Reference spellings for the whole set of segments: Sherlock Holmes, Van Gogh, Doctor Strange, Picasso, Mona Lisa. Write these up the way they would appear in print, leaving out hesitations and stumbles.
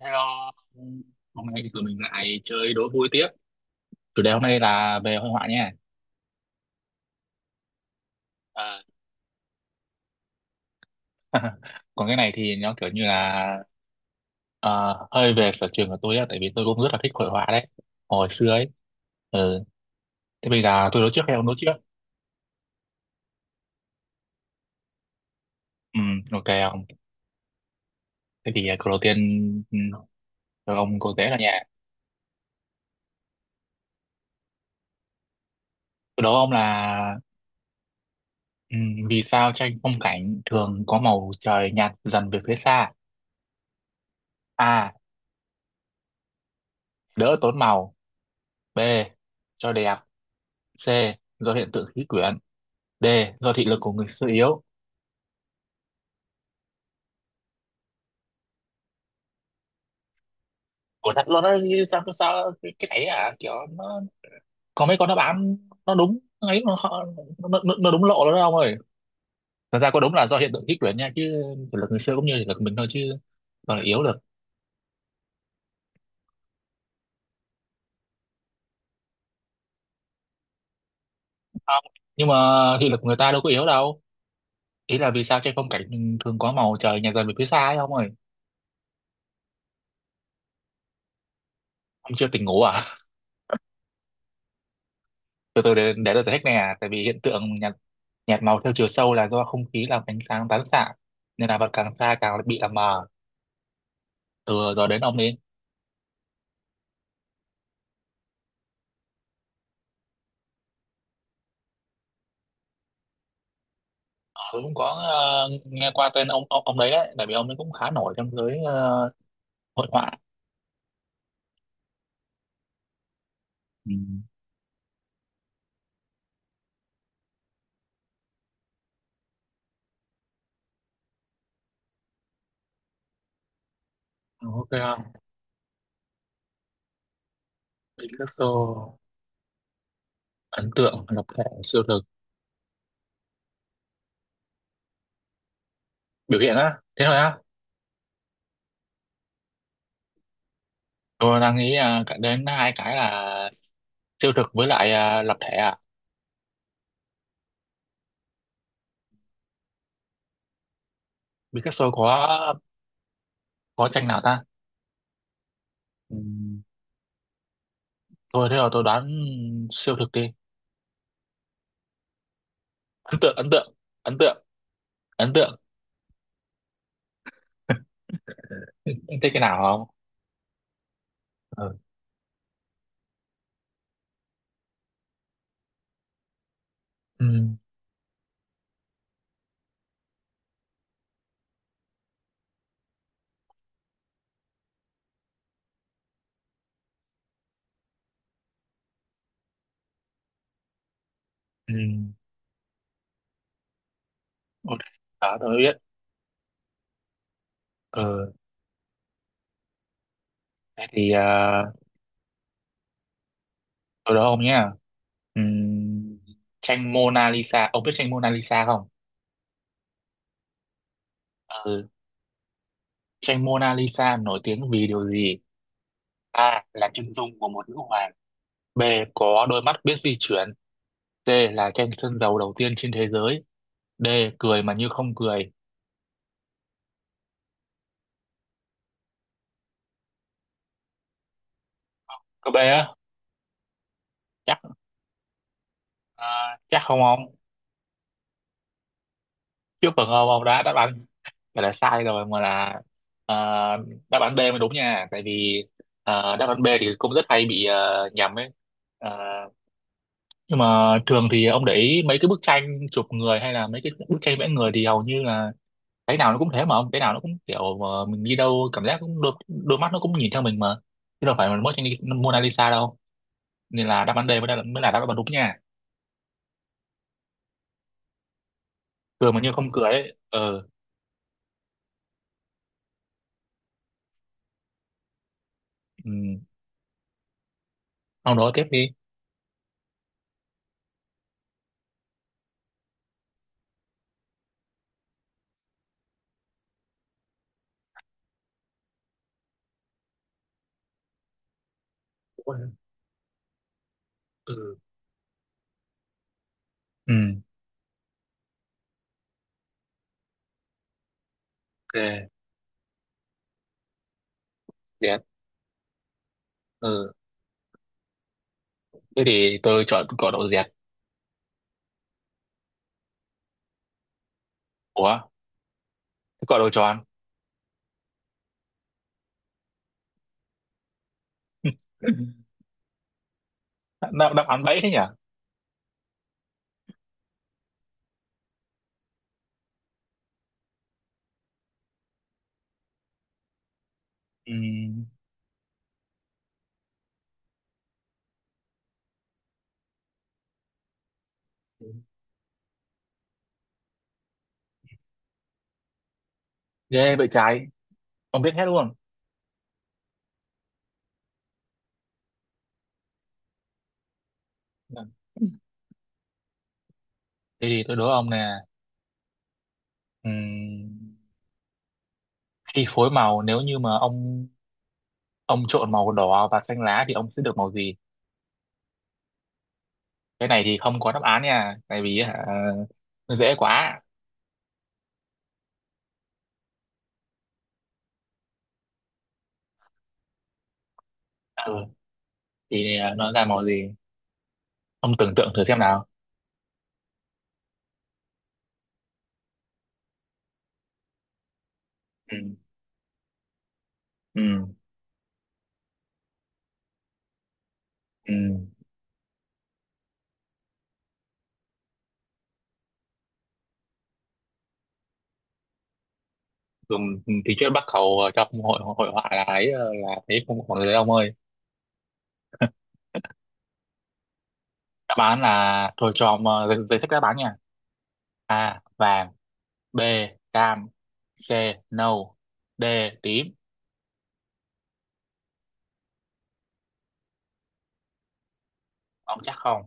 Hello, hôm nay thì tụi mình lại chơi đố vui tiếp. Chủ đề hôm nay là về hội họa nha. Ờ, còn cái này thì nó kiểu như là ờ, hơi về sở trường của tôi á, tại vì tôi cũng rất là thích hội họa đấy. Hồi xưa ấy. Ừ. Thế bây giờ tôi đố trước hay ông đố trước? Ừ, ok ông. Thế thì câu đầu tiên ừ, cho ông cô dễ là nhà. Tôi đố ông là ừ, vì sao tranh phong cảnh thường có màu trời nhạt dần về phía xa? A. Đỡ tốn màu. B. Cho đẹp. C. Do hiện tượng khí quyển. D. Do thị lực của người xưa yếu. Ủa thật luôn á, như sao sao, cái này à kiểu nó có mấy con đáp án nó đúng ấy nó, nó đúng lộ đó đâu ông ơi. Thật ra có đúng là do hiện tượng khí quyển nha, chứ thị lực người xưa cũng như thị lực mình thôi chứ còn là yếu được. Không. Nhưng mà thị lực của người ta đâu có yếu đâu. Ý là vì sao trên phong cảnh thường có màu trời nhạt dần về phía xa ấy ông ơi. Ông chưa tỉnh ngủ à? Từ từ để tôi giải thích nè. Tại vì hiện tượng nhạt nhạt màu theo chiều sâu là do không khí làm ánh sáng tán xạ, nên là vật càng xa càng bị làm mờ. Từ giờ đến ông đi. Tôi cũng có nghe qua tên ông đấy đấy, tại vì ông ấy cũng khá nổi trong giới hội họa. Ừ. Ok không? Picasso. Ấn tượng, lập thể, siêu thực, biểu hiện á, thế thôi á? Tôi đang nghĩ à, cả đến hai cái là siêu thực với lại à, lập thể à. Picasso có tranh nào ta? Ừ. Thôi thế rồi tôi đoán siêu thực đi. Ấn tượng, ấn tượng, ấn tượng, ấn tượng. Em thích cái nào không? Ừ. Ừ. Ừ. Ok, đó tôi biết. Ừ. Thế thì à, tôi đố ông nhé. Ừm, tranh Mona Lisa, ông biết tranh Mona Lisa không? Ừ. Tranh Mona Lisa nổi tiếng vì điều gì? A là chân dung của một nữ hoàng. B, có đôi mắt biết di chuyển. C là tranh sơn dầu đầu tiên trên thế giới. D, cười mà như không cười. Có B á. Chắc à, chắc không ông? Trước phần ông đã đáp án phải là sai rồi, mà là à, đáp án B mới đúng nha. Tại vì đáp án B thì cũng rất hay bị nhầm ấy. Ờ, nhưng mà thường thì ông để ý mấy cái bức tranh chụp người hay là mấy cái bức tranh vẽ người thì hầu như là cái nào nó cũng thế mà ông, cái nào nó cũng kiểu ờ, mình đi đâu cảm giác cũng đôi mắt nó cũng nhìn theo mình mà, chứ đâu phải là mỗi tranh Mona Lisa đâu, nên là đáp án D mới là đáp án đúng nha. Cười mà như không cười ấy ờ. Ừ. Ông đó tiếp đi. Ừ. Ừ. Ok. Dẹt. Ừ, thế thì tôi chọn cỏ đậu dẹt. Ủa. Cỏ đầu tròn. Đáp đáp án bẫy thế nhỉ. Ừ. Ghê vậy trái, ông biết hết luôn. Thế thì tôi đố ông nè, ừm, khi phối màu, nếu như mà ông trộn màu đỏ và xanh lá thì ông sẽ được màu gì? Cái này thì không có đáp án nha, tại vì hả, nó dễ quá. Ừ, thì à, nó ra màu gì? Ông tưởng tượng thử xem nào. Ừ, ừ, ừ. Dùng thì trước Bắc Cầu trong hội hội họa là ấy ờ, là thấy không còn đấy ông ơi. Đáp án là thôi cho ông giấy, giấy sách đáp án nha. A vàng, B cam, C nâu, D tím. Ông chắc không?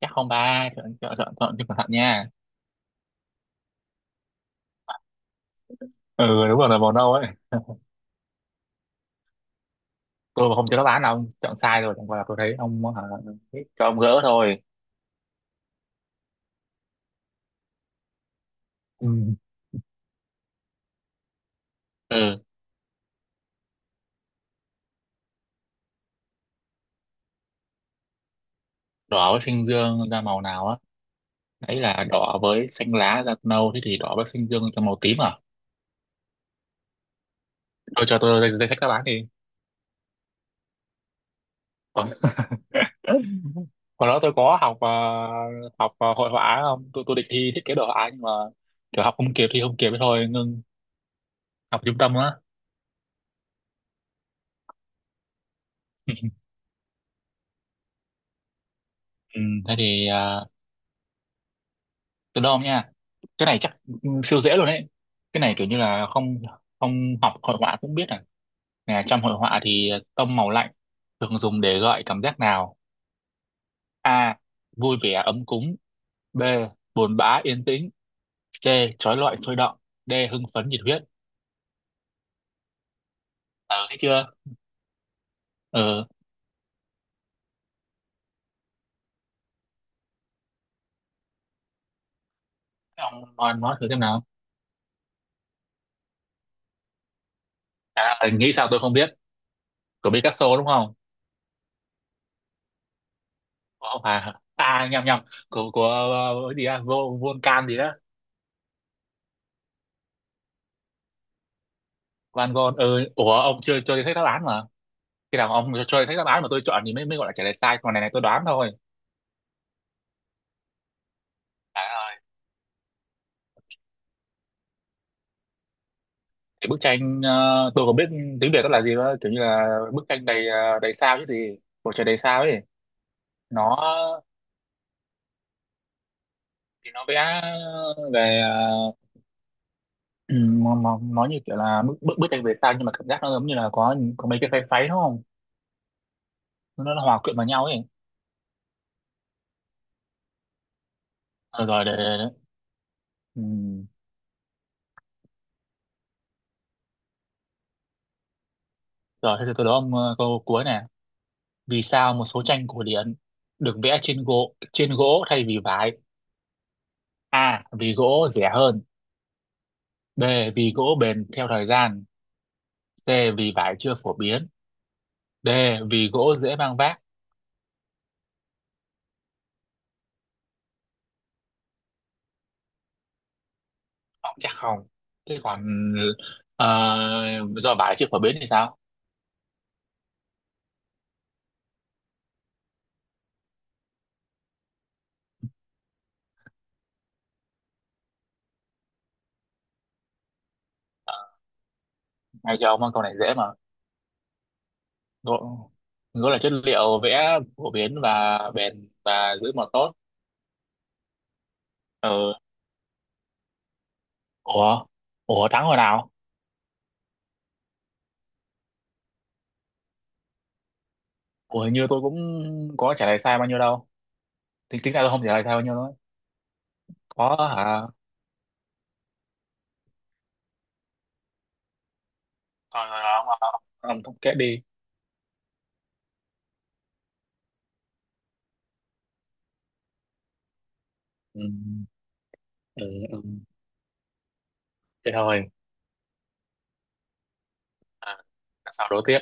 Chắc không ba, chọn chọn chọn chọn cho cẩn thận nha. Ừ đúng rồi, là màu nâu ấy. Tôi mà không cho nó bán đâu, chọn sai rồi, chẳng qua là tôi thấy ông hả, thích cho ông gỡ thôi. Ừ. Ừ. Đỏ với xanh dương ra màu nào á? Ấy, là đỏ với xanh lá ra nâu, thế thì đỏ với xanh dương ra màu tím à? Tôi cho tôi danh danh sách đáp án đi. Còn. Còn đó tôi có học học hội họa không, tôi tôi định thi thiết kế đồ họa, nhưng mà kiểu học không kịp thì không kịp, thế thôi ngưng. Học trung tâm á. Ừ, thế thì từ đâu nha, cái này chắc ừ, siêu dễ luôn đấy, cái này kiểu như là không không học hội họa cũng biết à. Nè, trong hội họa thì tông màu lạnh thường dùng để gợi cảm giác nào? A, vui vẻ ấm cúng. B, buồn bã yên tĩnh. C, trói lọi sôi động. D, hưng phấn nhiệt huyết. Ờ thấy chưa. Ờ. Thế ông nói thử xem nào. À, nghĩ sao tôi không biết, của Picasso đúng không? Ủa, không phải à, nhầm nhầm, của ờ, cái gì à, vô Volcan gì đó. Van Gogh. Ừ. Ủa ông chưa cho tôi thấy đáp án mà. Khi nào ông cho tôi thấy đáp án mà tôi chọn thì mới mới gọi là trả lời sai, còn này này tôi đoán thôi. À, cái bức tranh ờ, tôi không biết tiếng Việt nó là gì, đó kiểu như là bức tranh đầy ờ, đầy sao chứ gì, bầu trời đầy sao ấy. Nó thì nó vẽ về nó như kiểu là bức bức, bức tranh về sao, nhưng mà cảm giác nó giống như là có mấy cái pháy pháy đúng không, nó, nó hòa quyện vào nhau ấy. Ờ, rồi để ừ, rồi thế thì tôi đố ông câu cuối nè. Vì sao một số tranh cổ điển được vẽ trên gỗ thay vì vải? A. Vì gỗ rẻ hơn. B, vì gỗ bền theo thời gian. C. Vì vải chưa phổ biến. D. Vì gỗ dễ mang vác. Ông chắc không? Thế còn ờ, do vải chưa phổ biến thì sao? Ngay cho ông con câu này dễ mà. Gỗ, gỗ là chất liệu vẽ phổ biến và bền và giữ màu tốt. Ừ. Ủa? Ủa thắng rồi nào? Ủa hình như tôi cũng có trả lời sai bao nhiêu đâu. Tính tính ra tôi không trả lời sai bao nhiêu đâu. Có hả? Rồi rồi rồi, ông thống kết đi. Ừ. Ừ. Ừ. Thế thôi. À, các pháo đố tiếp.